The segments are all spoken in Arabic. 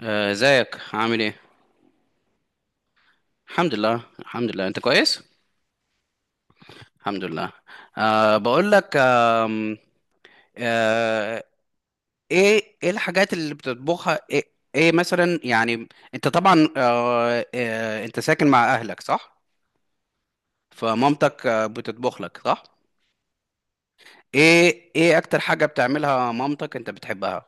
آه، ازيك عامل ايه. الحمد لله انت كويس. الحمد لله. أه بقول لك آه، ايه الحاجات اللي بتطبخها ايه، إيه مثلا يعني انت طبعا أه آه، انت ساكن مع اهلك صح؟ فمامتك بتطبخ لك صح؟ ايه اكتر حاجة بتعملها مامتك انت بتحبها؟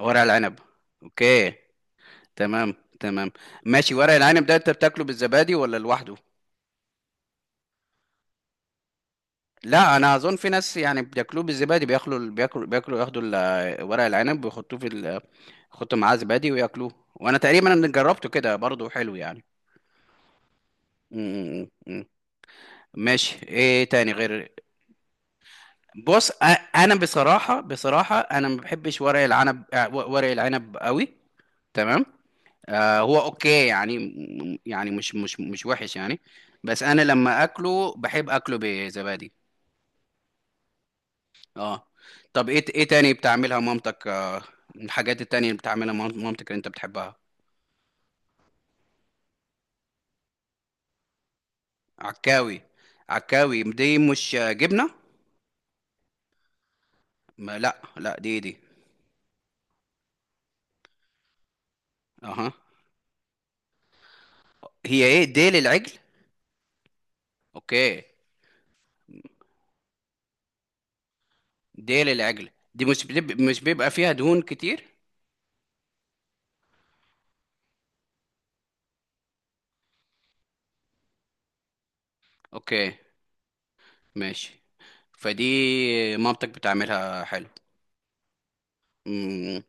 ورق العنب. اوكي. تمام. ماشي، ورق العنب ده انت بتاكله بالزبادي ولا لوحده؟ لا انا اظن في ناس يعني بياكلوه بالزبادي، بياكلوا ياخدوا ورق العنب ويحطوه في يحطوا معاه زبادي وياكلوه، وانا تقريبا أنا جربته كده برضه حلو يعني. م- م- م- م. ماشي، ايه تاني غير؟ بص أ- انا بصراحه انا ما بحبش ورق العنب، ورق العنب قوي. تمام. آه هو اوكي يعني، يعني مش وحش يعني. بس انا لما اكله بحب اكله بزبادي. اه. طب ايه تاني بتعملها مامتك، من الحاجات التانية اللي بتعملها مامتك اللي انت بتحبها؟ عكاوي. عكاوي دي مش جبنة؟ ما لا دي دي. اها. هي ايه ديل العجل؟ اوكي. ديل العجل دي مش مش بيبقى فيها دهون كتير؟ اوكي. ماشي. فدي مامتك بتعملها حلو. امم.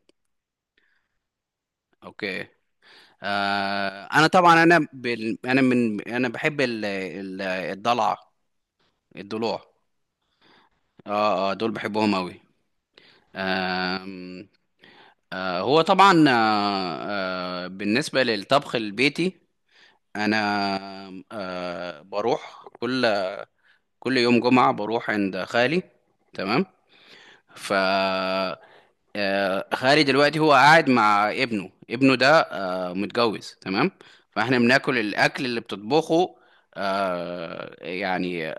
اوكي. آه انا طبعا، انا بال... انا من انا بحب الضلع، الضلوع. اه اه دول بحبهم قوي. آم، آه هو طبعا، بالنسبة للطبخ البيتي انا بروح كل يوم جمعة بروح عند خالي. تمام. ف خالي دلوقتي هو قاعد مع ابنه، ابنه ده متجوز، تمام، فاحنا بناكل الاكل اللي بتطبخه، يعني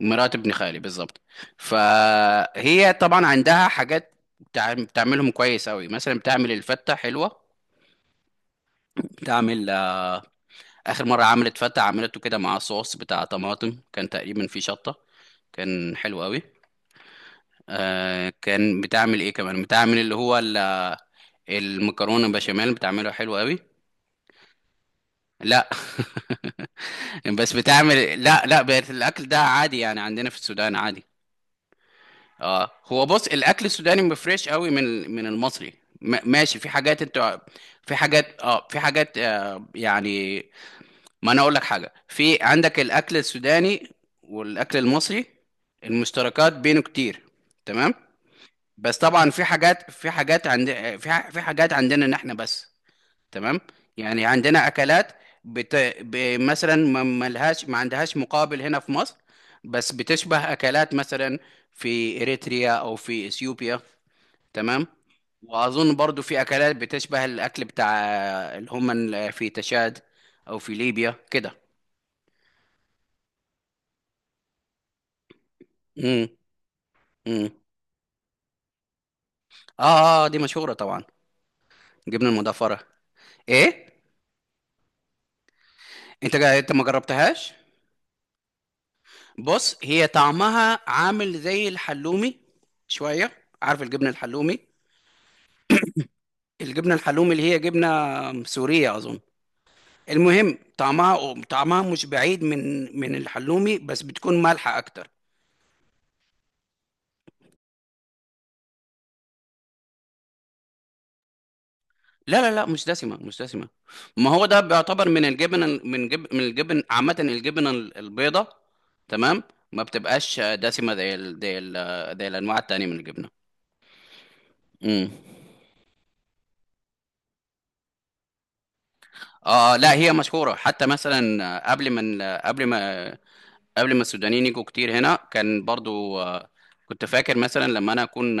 مرات ابن خالي بالظبط. فهي طبعا عندها حاجات بتعملهم كويس قوي. مثلا بتعمل الفته حلوه، بتعمل اخر مره عملت فته، عملته كده مع صوص بتاع طماطم كان تقريبا فيه شطه، كان حلو قوي. آه كان بتعمل ايه كمان، بتعمل اللي هو المكرونه بشاميل بتعملها حلو قوي. لا بس بتعمل، لا بقت الاكل ده عادي يعني، عندنا في السودان عادي. اه هو بص الاكل السوداني مفرش قوي من المصري. ماشي، في حاجات انت، في حاجات يعني، ما انا اقول لك حاجه، في عندك الاكل السوداني والاكل المصري، المشتركات بينه كتير. تمام. بس طبعا في حاجات، في حاجات عند في حاجات عندنا ان احنا بس، تمام، يعني عندنا اكلات بت... مثلا ما ملهاش، ما عندهاش مقابل هنا في مصر، بس بتشبه اكلات مثلا في اريتريا او في اثيوبيا. تمام. واظن برضو في اكلات بتشبه الاكل بتاع اللي هم في تشاد او في ليبيا كده. امم. امم. اه اه دي مشهوره طبعا، جبنه المضافره. ايه؟ انت ما جربتهاش؟ بص هي طعمها عامل زي الحلومي شويه. عارف الجبنه الحلومي؟ الجبنة الحلومي اللي هي جبنة سورية أظن. المهم طعمها، طعمها مش بعيد من الحلومي، بس بتكون مالحة أكتر. لا لا مش دسمة، مش دسمة. ما هو ده بيعتبر من الجبن، من الجبن عامة، الجبن البيضة. تمام. ما بتبقاش دسمة زي زي الأنواع التانية من الجبنة. امم. اه لا هي مشهورة حتى. مثلا قبل ما السودانيين يجوا كتير هنا كان برضو، كنت فاكر مثلا لما انا اكون،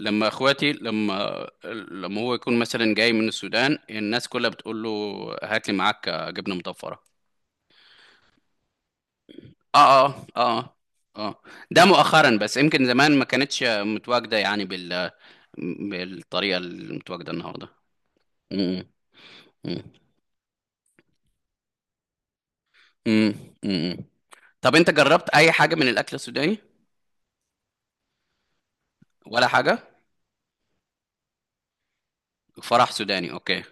لما اخواتي لما لما هو يكون مثلا جاي من السودان الناس كلها بتقول له هات لي معاك جبنه مطفره. اه اه اه اه. ده مؤخرا بس، يمكن زمان ما كانتش متواجده يعني بالطريقه المتواجده النهارده. امم امم امم امم. طب انت جربت اي حاجه من الاكل السوداني ولا حاجه؟ فرح سوداني، اوكي.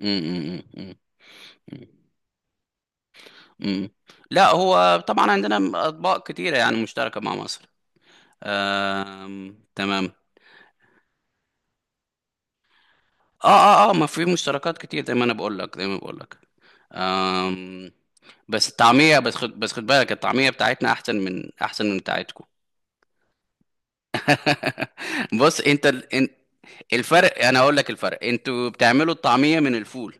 امم امم امم امم. لا هو طبعا عندنا اطباق كتيره يعني مشتركه مع مصر. تمام. اه ما في مشتركات كتير زي ما انا بقول لك، آم... بس الطعمية، بس خد بس خد بالك الطعمية بتاعتنا احسن من بتاعتكم. بص انت ال... ان- الفرق، انا اقول لك الفرق، انتوا بتعملوا الطعمية من الفول،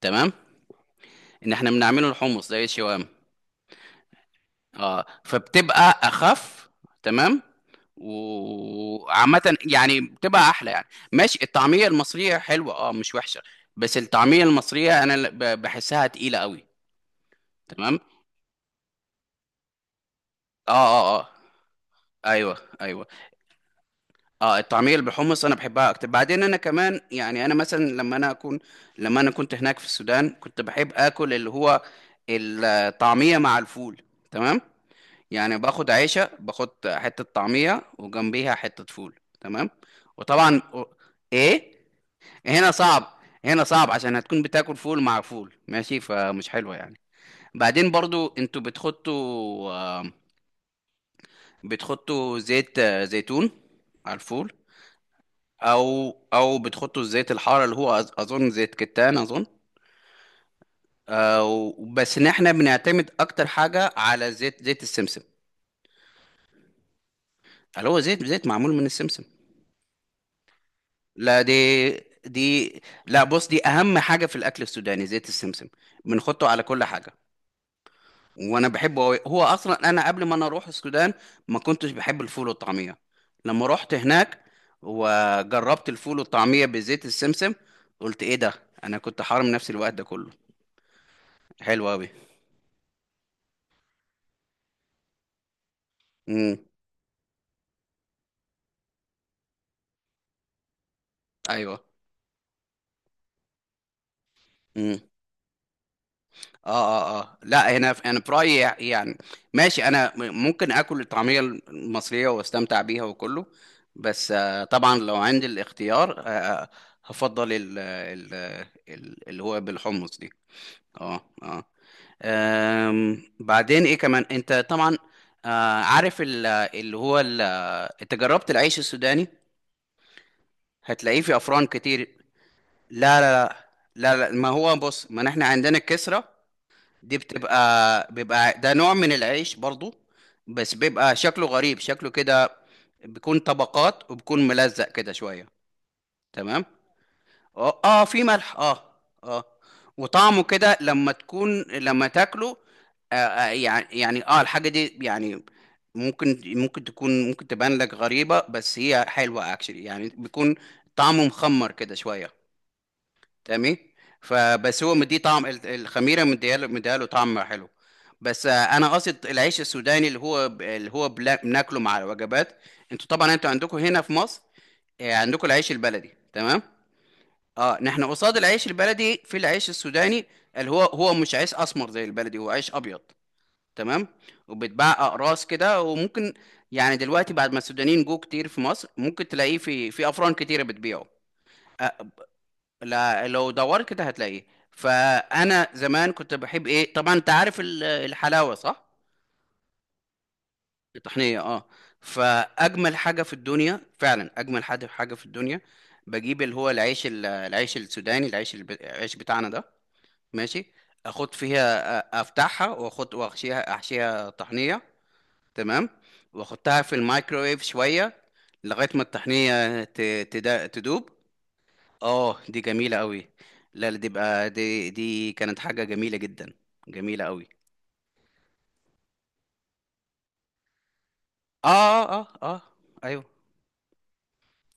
تمام، ان احنا بنعمله الحمص زي الشوام. اه فبتبقى اخف، تمام، وعامة يعني بتبقى احلى يعني. ماشي الطعمية المصرية حلوة، اه مش وحشة، بس الطعمية المصرية انا بحسها تقيلة قوي. تمام. اه. ايوه ايوه. اه الطعمية اللي بالحمص انا بحبها اكتر. بعدين انا كمان يعني انا مثلا لما انا اكون، لما انا كنت هناك في السودان كنت بحب اكل اللي هو الطعمية مع الفول. تمام، يعني باخد عيشة، باخد حتة طعمية وجنبيها حتة فول، تمام. وطبعا و- ايه، هنا صعب. هنا صعب عشان هتكون بتاكل فول مع فول ماشي، فمش حلوة يعني. بعدين برضو انتوا بتحطوا، آم، بتحطوا زيت زيتون على الفول. او او بتحطوا الزيت الحار اللي هو اظن زيت كتان اظن. أو بس ان احنا بنعتمد اكتر حاجة على زيت السمسم، اللي هو زيت معمول من السمسم. لا دي دي لا بص دي اهم حاجه في الاكل السوداني، زيت السمسم بنحطه على كل حاجه. وانا بحبه أوي. هو اصلا انا قبل ما انا اروح السودان ما كنتش بحب الفول والطعميه، لما رحت هناك وجربت الفول والطعميه بزيت السمسم قلت ايه ده، انا كنت حارم نفسي الوقت ده كله، حلو قوي. امم. ايوه. اه اه لا هنا انا برايي يعني، ماشي انا ممكن اكل الطعميه المصريه واستمتع بيها وكله، بس طبعا لو عندي الاختيار، هفضل اللي هو بالحمص دي. اه اه. بعدين ايه كمان، انت طبعا عارف انت جربت العيش السوداني؟ هتلاقيه في افران كتير. لا لا. لا ما هو بص ما احنا عندنا الكسرة دي، بيبقى ده نوع من العيش برضو، بس بيبقى شكله غريب، شكله كده بيكون طبقات وبيكون ملزق كده شوية. تمام. اه في ملح اه اه. وطعمه كده لما تكون لما تاكله، يعني الحاجة دي يعني ممكن تبان لك غريبة، بس هي حلوة اكشلي يعني، بيكون طعمه مخمر كده شوية. تمام. فبس هو مديه طعم الخميره، مديها له طعم حلو. بس انا قصد العيش السوداني اللي هو بناكله مع الوجبات. انتوا عندكم هنا في مصر عندكم العيش البلدي، تمام. اه نحن قصاد العيش البلدي في العيش السوداني، اللي هو مش عيش اسمر زي البلدي، هو عيش ابيض، تمام. وبيتباع اقراص كده، وممكن يعني دلوقتي بعد ما السودانيين جو كتير في مصر ممكن تلاقيه في افران كتيره بتبيعه. آه، لا لو دورت كده هتلاقيه. فانا زمان كنت بحب ايه، طبعا انت عارف الحلاوه صح؟ الطحنيه اه. فاجمل حاجه في الدنيا فعلا، اجمل حاجه في الدنيا، بجيب اللي هو العيش العيش بتاعنا ده، ماشي، افتحها احشيها طحنيه، تمام، واحطها في الميكرويف شويه لغايه ما الطحنيه تدوب. اه دي جميلة قوي. لا لا، دي بقى، دي كانت حاجة جميلة جدا، جميلة قوي. اه اه. ايوه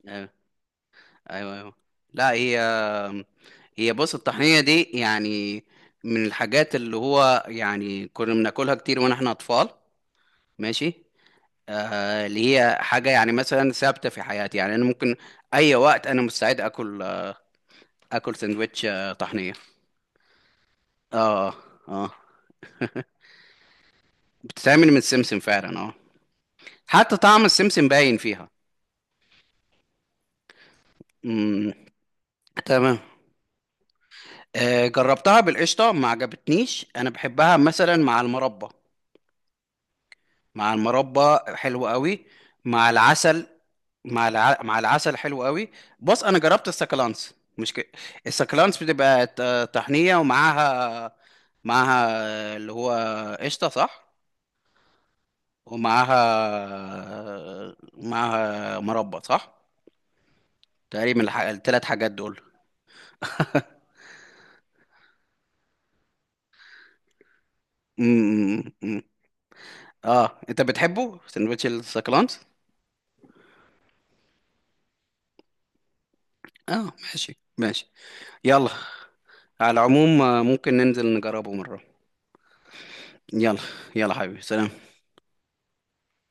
ايوه ايوه، أيوة. لا هي هي بص الطحينة دي يعني من الحاجات اللي هو يعني كنا بناكلها كتير وانا اطفال، ماشي، آه اللي هي حاجة يعني مثلا ثابتة في حياتي، يعني انا ممكن اي وقت انا مستعد اكل، اكل سندوتش طحنية. اه. اه بتتعمل من السمسم فعلا اه، حتى طعم السمسم باين فيها. مم. تمام. جربتها بالقشطة ما عجبتنيش، أنا بحبها مثلا مع المربى، مع المربى حلو قوي، مع العسل، مع العسل حلو قوي. بص أنا جربت السكالانس مش ك... السكالانس بتبقى طحنية ومعاها، معاها اللي هو قشطة صح، معاها مربى صح، تقريبا الثلاث حاجات دول. مم. مم. مم. اه انت بتحبه سندوتش السكالانس؟ اه ماشي ماشي. يلا، على العموم ممكن ننزل نجربه مرة. يلا. يلا حبيبي، سلام.